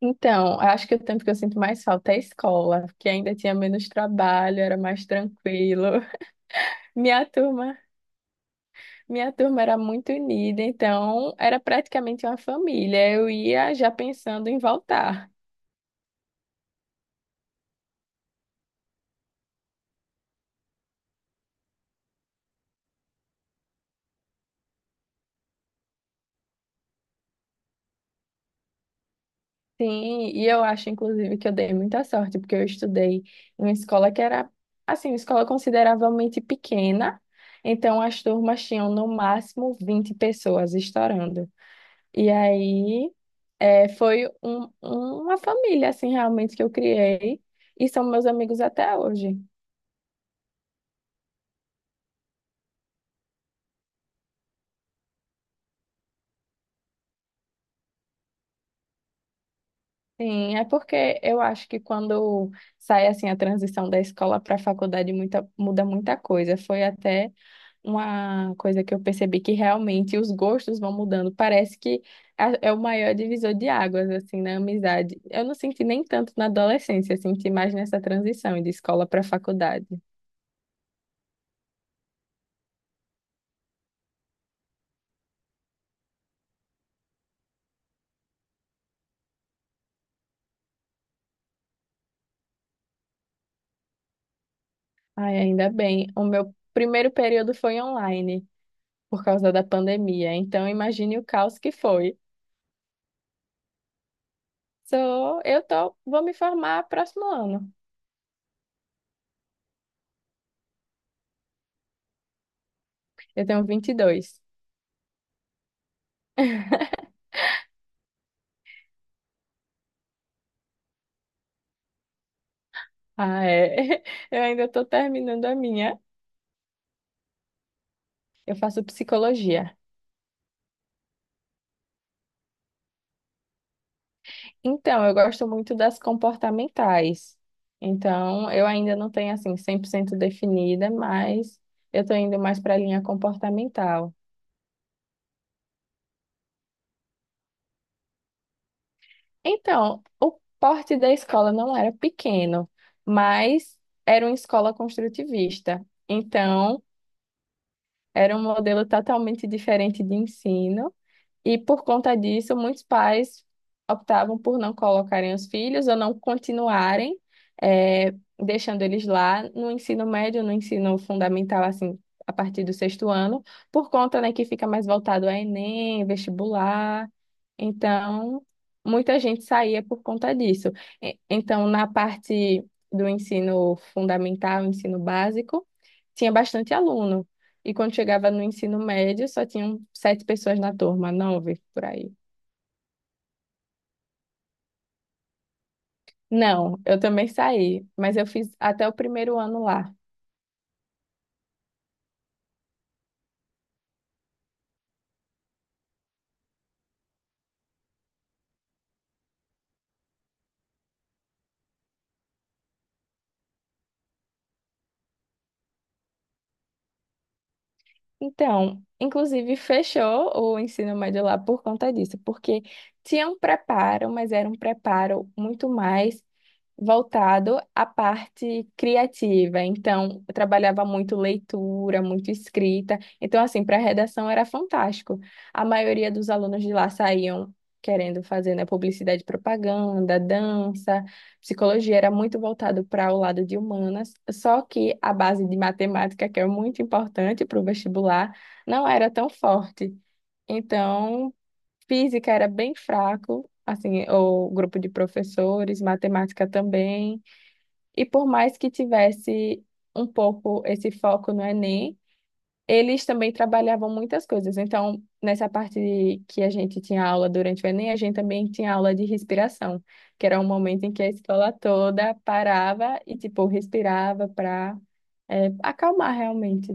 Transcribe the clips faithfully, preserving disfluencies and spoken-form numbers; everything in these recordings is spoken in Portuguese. Então, eu acho que o tempo que eu sinto mais falta é a escola, porque ainda tinha menos trabalho, era mais tranquilo. Minha turma, minha turma era muito unida, então era praticamente uma família. Eu ia já pensando em voltar. Sim, e eu acho, inclusive, que eu dei muita sorte, porque eu estudei em uma escola que era, assim, uma escola consideravelmente pequena, então as turmas tinham no máximo vinte pessoas estourando. E aí é, foi um- uma família, assim, realmente que eu criei. E são meus amigos até hoje. Sim, é porque eu acho que quando sai assim a transição da escola para a faculdade muita, muda muita coisa. Foi até uma coisa que eu percebi que realmente os gostos vão mudando. Parece que a- é o maior divisor de águas assim na amizade. Eu não senti nem tanto na adolescência, senti mais nessa transição de escola para faculdade. Ai, ainda bem. O meu primeiro período foi online por causa da pandemia. Então, imagine o caos que foi. Sou, eu tô, vou me formar próximo ano. Eu tenho vinte e dois. Ah, é. Eu ainda estou terminando a minha. Eu faço psicologia. Então, eu gosto muito das comportamentais. Então, eu ainda não tenho assim cem por cento definida, mas eu estou indo mais para a linha comportamental. Então, o porte da escola não era pequeno, mas era uma escola construtivista. Então, era um modelo totalmente diferente de ensino. E por conta disso, muitos pais optavam por não colocarem os filhos ou não continuarem, eh, deixando eles lá no ensino médio, no ensino fundamental, assim, a partir do sexto ano, por conta, né, que fica mais voltado a Enem, vestibular. Então, muita gente saía por conta disso. E- Então, na parte do ensino fundamental, ensino básico, tinha bastante aluno. E quando chegava no ensino médio, só tinham sete pessoas na turma, nove por aí. Não, eu também saí, mas eu fiz até o primeiro ano lá. Então, inclusive, fechou o ensino médio lá por conta disso, porque tinha um preparo, mas era um preparo muito mais voltado à parte criativa. Então, eu trabalhava muito leitura, muito escrita. Então, assim, para redação era fantástico. A maioria dos alunos de lá saíam querendo fazer, né, publicidade e propaganda, dança. Psicologia era muito voltado para o lado de humanas, só que a base de matemática, que é muito importante para o vestibular, não era tão forte. Então, física era bem fraco, assim, o grupo de professores, matemática também. E por mais que tivesse um pouco esse foco no Enem, eles também trabalhavam muitas coisas. Então, nessa parte que a gente tinha aula durante o Enem, a gente também tinha aula de respiração, que era um momento em que a escola toda parava e, tipo, respirava para acalmar realmente.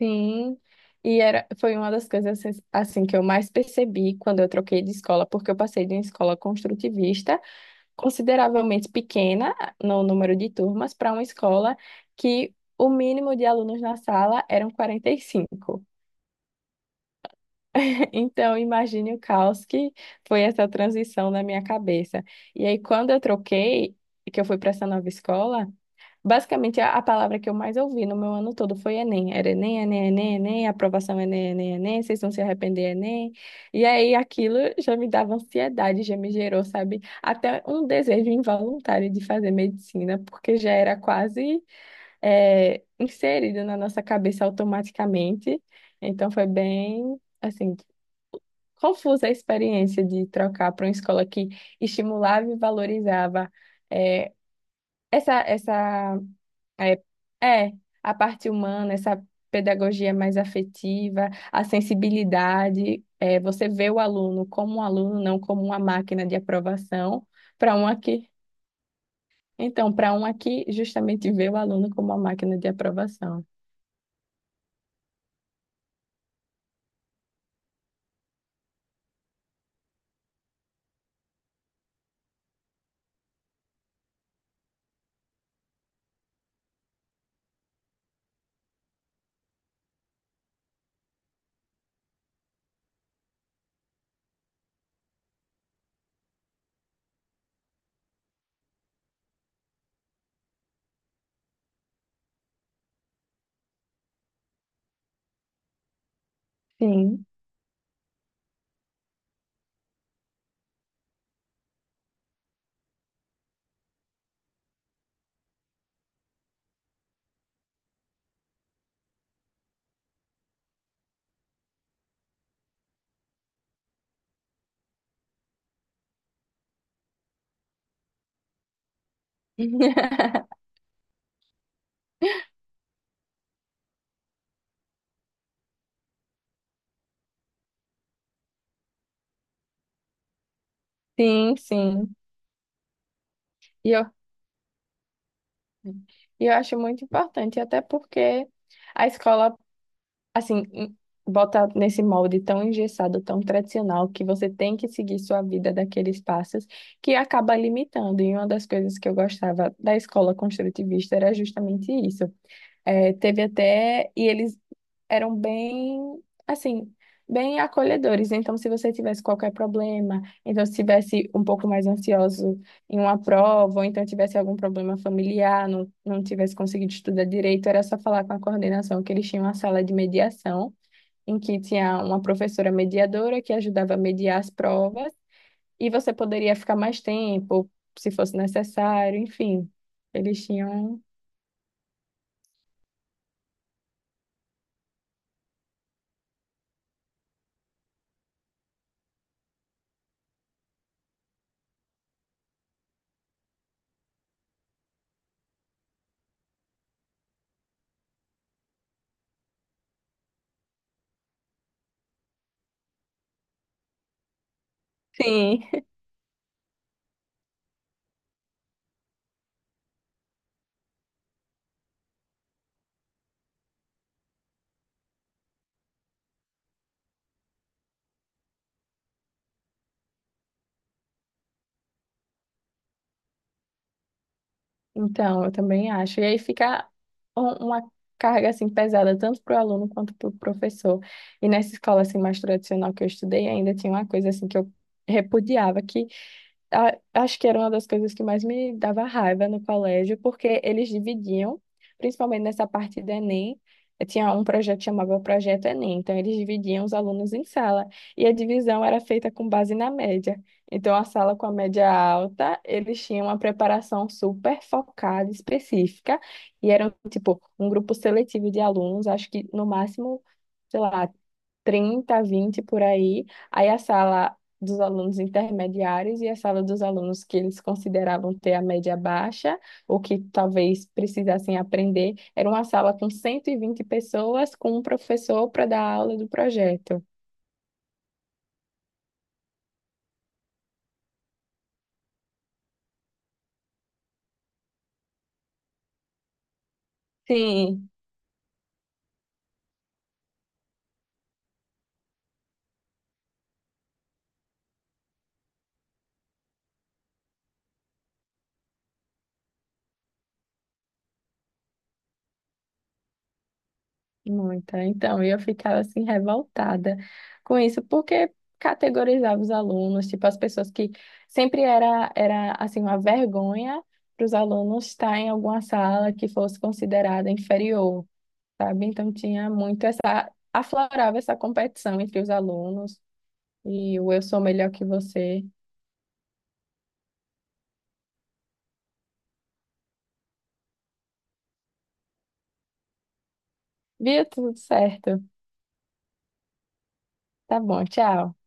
Sim. E era, foi uma das coisas assim assim, que eu mais percebi quando eu troquei de escola, porque eu passei de uma escola construtivista, consideravelmente pequena no número de turmas, para uma escola que o mínimo de alunos na sala eram quarenta e cinco. Então, imagine o caos que foi essa transição na minha cabeça. E aí, quando eu troquei, e que eu fui para essa nova escola, basicamente a, a palavra que eu mais ouvi no meu ano todo foi Enem. Era Enem, Enem, Enem, Enem, aprovação Enem, Enem, Enem, vocês vão se arrepender, Enem. E aí, aquilo já me dava ansiedade, já me gerou, sabe, até um desejo involuntário de fazer medicina, porque já era quase eh, inserido na nossa cabeça automaticamente. Então, foi bem. Assim, confusa a experiência de trocar para uma escola que estimulava e valorizava é, essa, essa é, é, a parte humana, essa pedagogia mais afetiva, a sensibilidade, é, você vê o aluno como um aluno, não como uma máquina de aprovação, para uma que, então, para uma que justamente vê o aluno como uma máquina de aprovação. Sim. Sim, sim. E eu E eu acho muito importante, até porque a escola, assim, em- bota nesse molde tão engessado, tão tradicional, que você tem que seguir sua vida daqueles passos, que acaba limitando. E uma das coisas que eu gostava da escola construtivista era justamente isso. É, teve até. E eles eram bem, assim, bem acolhedores. Então, se você tivesse qualquer problema, então, se tivesse um pouco mais ansioso em uma prova, ou então tivesse algum problema familiar, não, não tivesse conseguido estudar direito, era só falar com a coordenação, que eles tinham uma sala de mediação, em que tinha uma professora mediadora que ajudava a mediar as provas, e você poderia ficar mais tempo, se fosse necessário, enfim. Eles tinham. Sim. Então, eu também acho. E aí fica um- uma carga assim pesada tanto para o aluno quanto para o professor. E nessa escola assim mais tradicional que eu estudei, ainda tinha uma coisa assim que eu repudiava, a- acho que era uma das coisas que mais me dava raiva no colégio, porque eles dividiam, principalmente nessa parte do Enem, eh, tinha um projeto que chamava Projeto Enem, então eles dividiam os alunos em sala, e a divisão era feita com base na média. Então, a sala com a média alta, eles tinham uma preparação super focada, específica, e eram, tipo, um grupo seletivo de alunos, acho que no máximo, sei lá, trinta, vinte por aí. Aí a sala dos alunos intermediários e a sala dos alunos que eles consideravam ter a média baixa, ou que talvez precisassem aprender, era uma sala com cento e vinte pessoas, com um professor para dar aula do projeto. Sim, muita. Então, eu ficava assim revoltada com isso, porque categorizava os alunos, tipo as pessoas que sempre era era assim uma vergonha para os alunos estar em alguma sala que fosse considerada inferior. Sabe? Então tinha muito essa, aflorava essa competição entre os alunos e o eu sou melhor que você. Via tudo certo. Tá bom, tchau.